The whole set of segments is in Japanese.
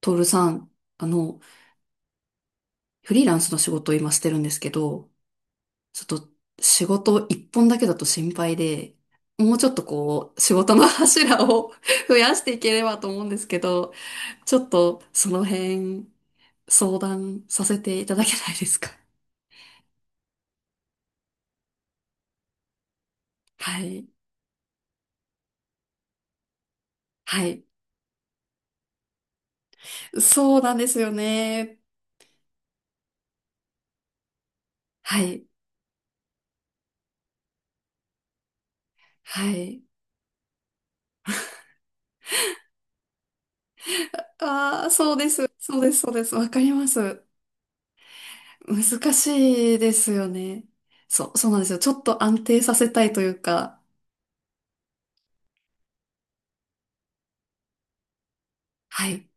トールさん、あの、フリーランスの仕事を今してるんですけど、ちょっと仕事一本だけだと心配で、もうちょっとこう、仕事の柱を 増やしていければと思うんですけど、ちょっとその辺相談させていただけないですか？ はい。はい。そうなんですよね。はい。はい。ああ、そうです。そうです。そうです。わかります。難しいですよね。そう、そうなんですよ。ちょっと安定させたいというか。はい。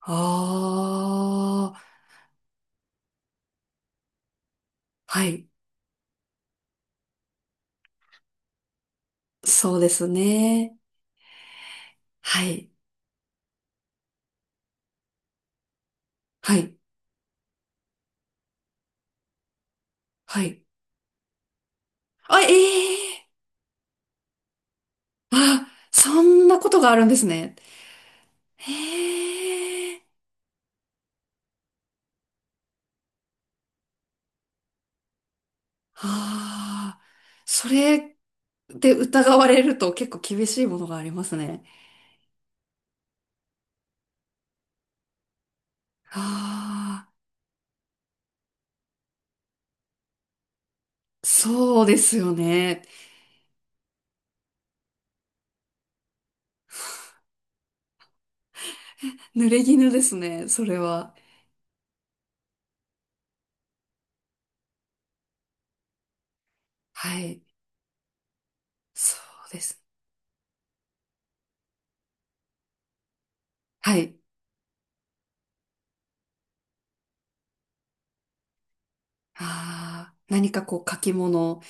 ああ、はい。そうですね。はい。はい。はい。あ、ええあ、そんなことがあるんですね。ええああ、それで疑われると結構厳しいものがありますね。ああ、そうですよね。濡れ衣ですね、それは。はい。そうです。はい。ああ、何かこう書き物っ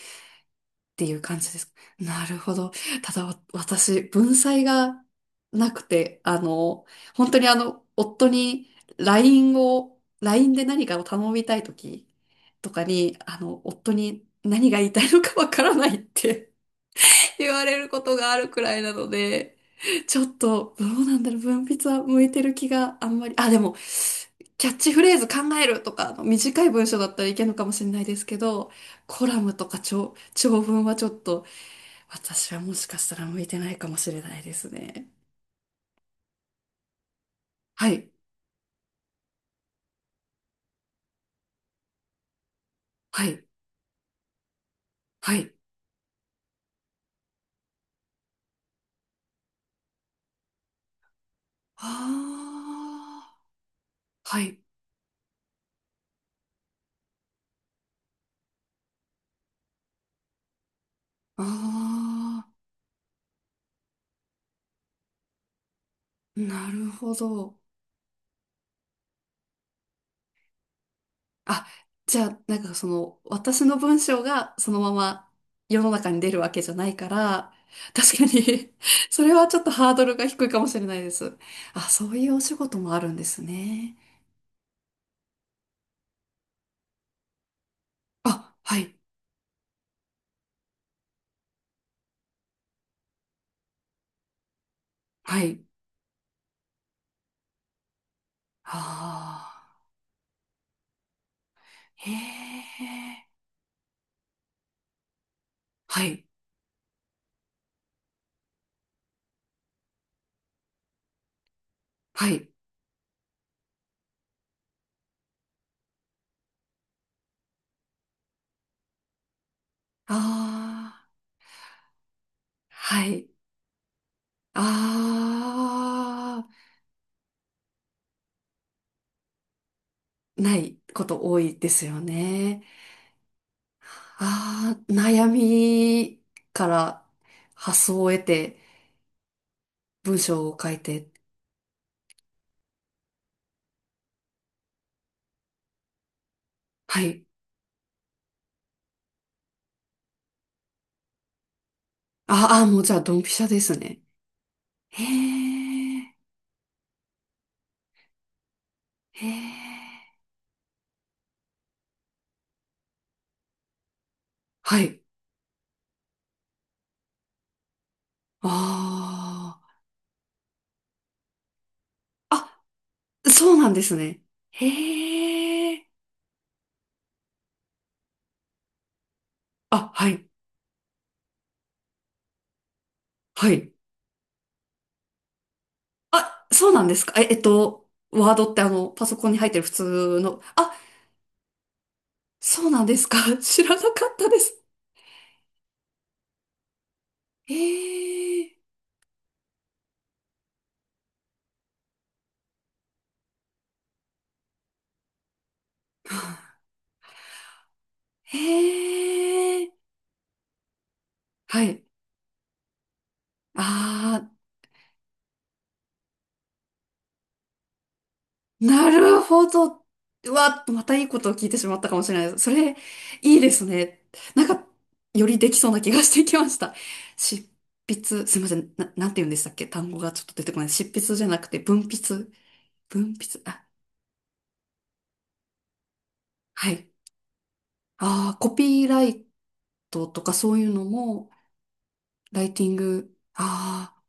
ていう感じです。なるほど。ただわ私、文才がなくて、本当に夫に LINE を、LINE で何かを頼みたいときとかに、夫に何が言いたいのかわからないって言われることがあるくらいなので、ちょっと、どうなんだろう、文筆は向いてる気があんまり、あ、でも、キャッチフレーズ考えるとか、あの短い文章だったらいけるのかもしれないですけど、コラムとか長、長文はちょっと、私はもしかしたら向いてないかもしれないですね。はい、はい、はい。ああ、はい。ああ、なるほど。あ、じゃあ、なんかその、私の文章がそのまま世の中に出るわけじゃないから、確かに それはちょっとハードルが低いかもしれないです。あ、そういうお仕事もあるんですね。あ、はい、はい。ああ、へえ、はい、はい。ああ、はい。ああ、ないこと多いですよね。ああ、悩みから発想を得て、文章を書いて。はい。ああ、もうじゃあ、ドンピシャですね。へえ、へえ。はい。ああ。あ、そうなんですね。へえ。あ、はい。はい。あ、そうなんですか。え、ワードってあの、パソコンに入ってる普通の。あ、そうなんですか。知らなかったです。へえ。へえ。はい。ああ。なるほど。うわ、またいいことを聞いてしまったかもしれないです。それ、いいですね。なんか、よりできそうな気がしてきました。執筆、すいません。な、なんて言うんでしたっけ単語がちょっと出てこない。執筆じゃなくて、文筆。文筆。あ、はい。ああ、コピーライトとかそういうのも、ライティング。ああ、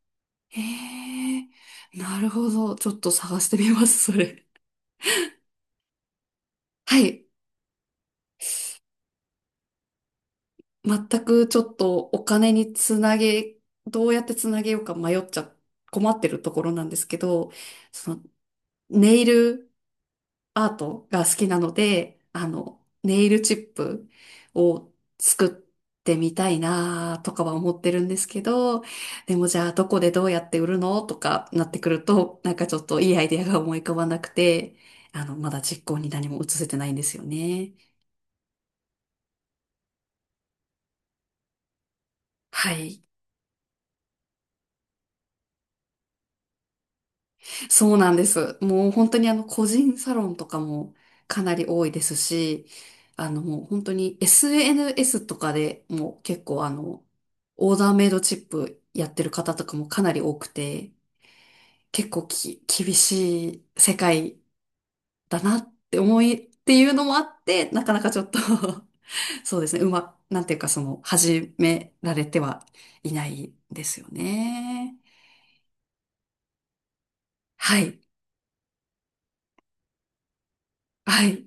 へえ。なるほど。ちょっと探してみます、それ。はい。全くちょっとお金につなげ、どうやってつなげようか迷っちゃ、困ってるところなんですけど、そのネイルアートが好きなので、ネイルチップを作ってみたいなとかは思ってるんですけど、でもじゃあどこでどうやって売るのとかなってくると、なんかちょっといいアイデアが思い浮かばなくて、まだ実行に何も移せてないんですよね。はい。そうなんです。もう本当にあの個人サロンとかもかなり多いですし、あのもう本当に SNS とかでもう結構あの、オーダーメイドチップやってる方とかもかなり多くて、結構き、厳しい世界だなって思いっていうのもあって、なかなかちょっと そうですね、うま、なんていうかその、始められてはいないですよね。はい、はい、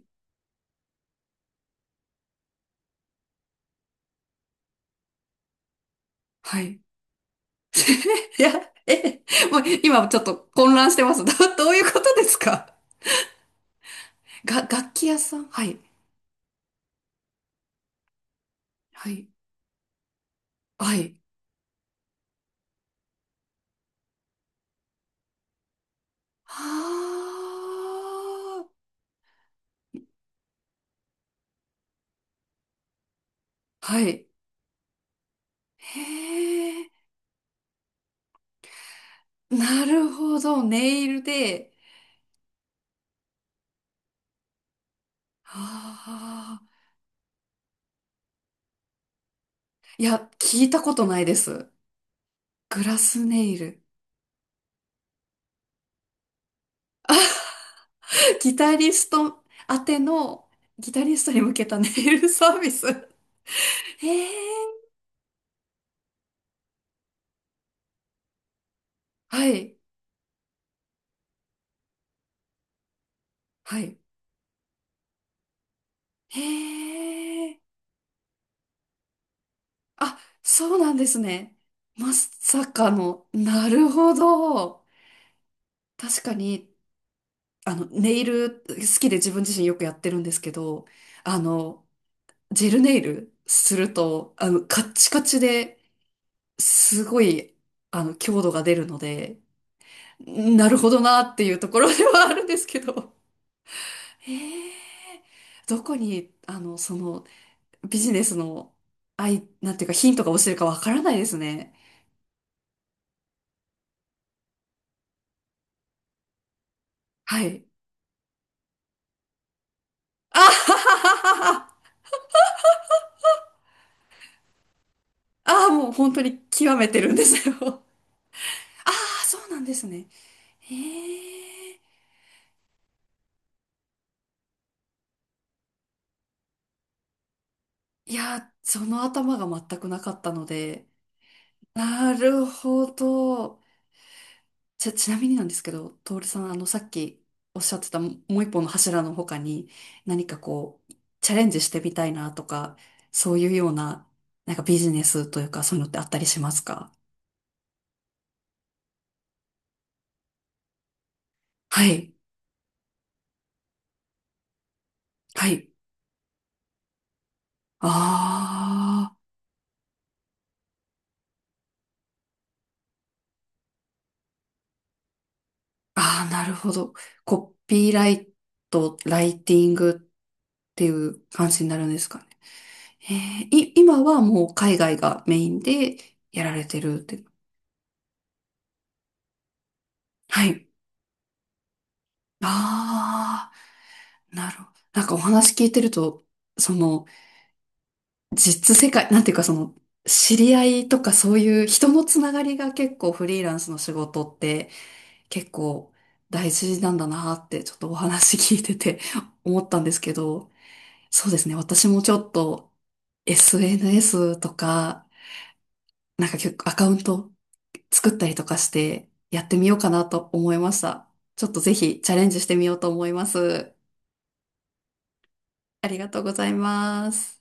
はい。いや、え、もう今ちょっと混乱してます。ど、どういうことですか？が、楽器屋さんはい。はい。はい。はあ。はい。へえ。なるほど。ネイルで。ああ。いや、聞いたことないです。グラスネイル。ギタリスト宛ての、ギタリストに向けたネイルサービス。へえ。はい。はい。へえ。あ、そうなんですね。まさかの、なるほど。確かに、ネイル好きで自分自身よくやってるんですけど、あの、ジェルネイルすると、カッチカチですごい、強度が出るので、なるほどなっていうところではあるんですけど。へえ、どこに、その、ビジネスの、あいなんていうかヒントが落ちてるかわからないですね。はい。あははははああ、もう本当に極めてるんですよ。ああ、そうなんですね。へえ。いや、その頭が全くなかったので。なるほど。ちゃ、ちなみになんですけど、トールさん、さっきおっしゃってたももう一本の柱の他に、何かこう、チャレンジしてみたいなとか、そういうような、なんかビジネスというか、そういうのってあったりしますか？はい。はい。ああ。ああ、なるほど。コピーライト、ライティングっていう感じになるんですかね。えーい、今はもう海外がメインでやられてるって。はい。ああ、なるほど。なんかお話聞いてると、その、実世界、なんていうかその、知り合いとかそういう人のつながりが結構フリーランスの仕事って結構大事なんだなってちょっとお話聞いてて思ったんですけど、そうですね。私もちょっと SNS とか、なんか結構アカウント作ったりとかしてやってみようかなと思いました。ちょっとぜひチャレンジしてみようと思います。ありがとうございます。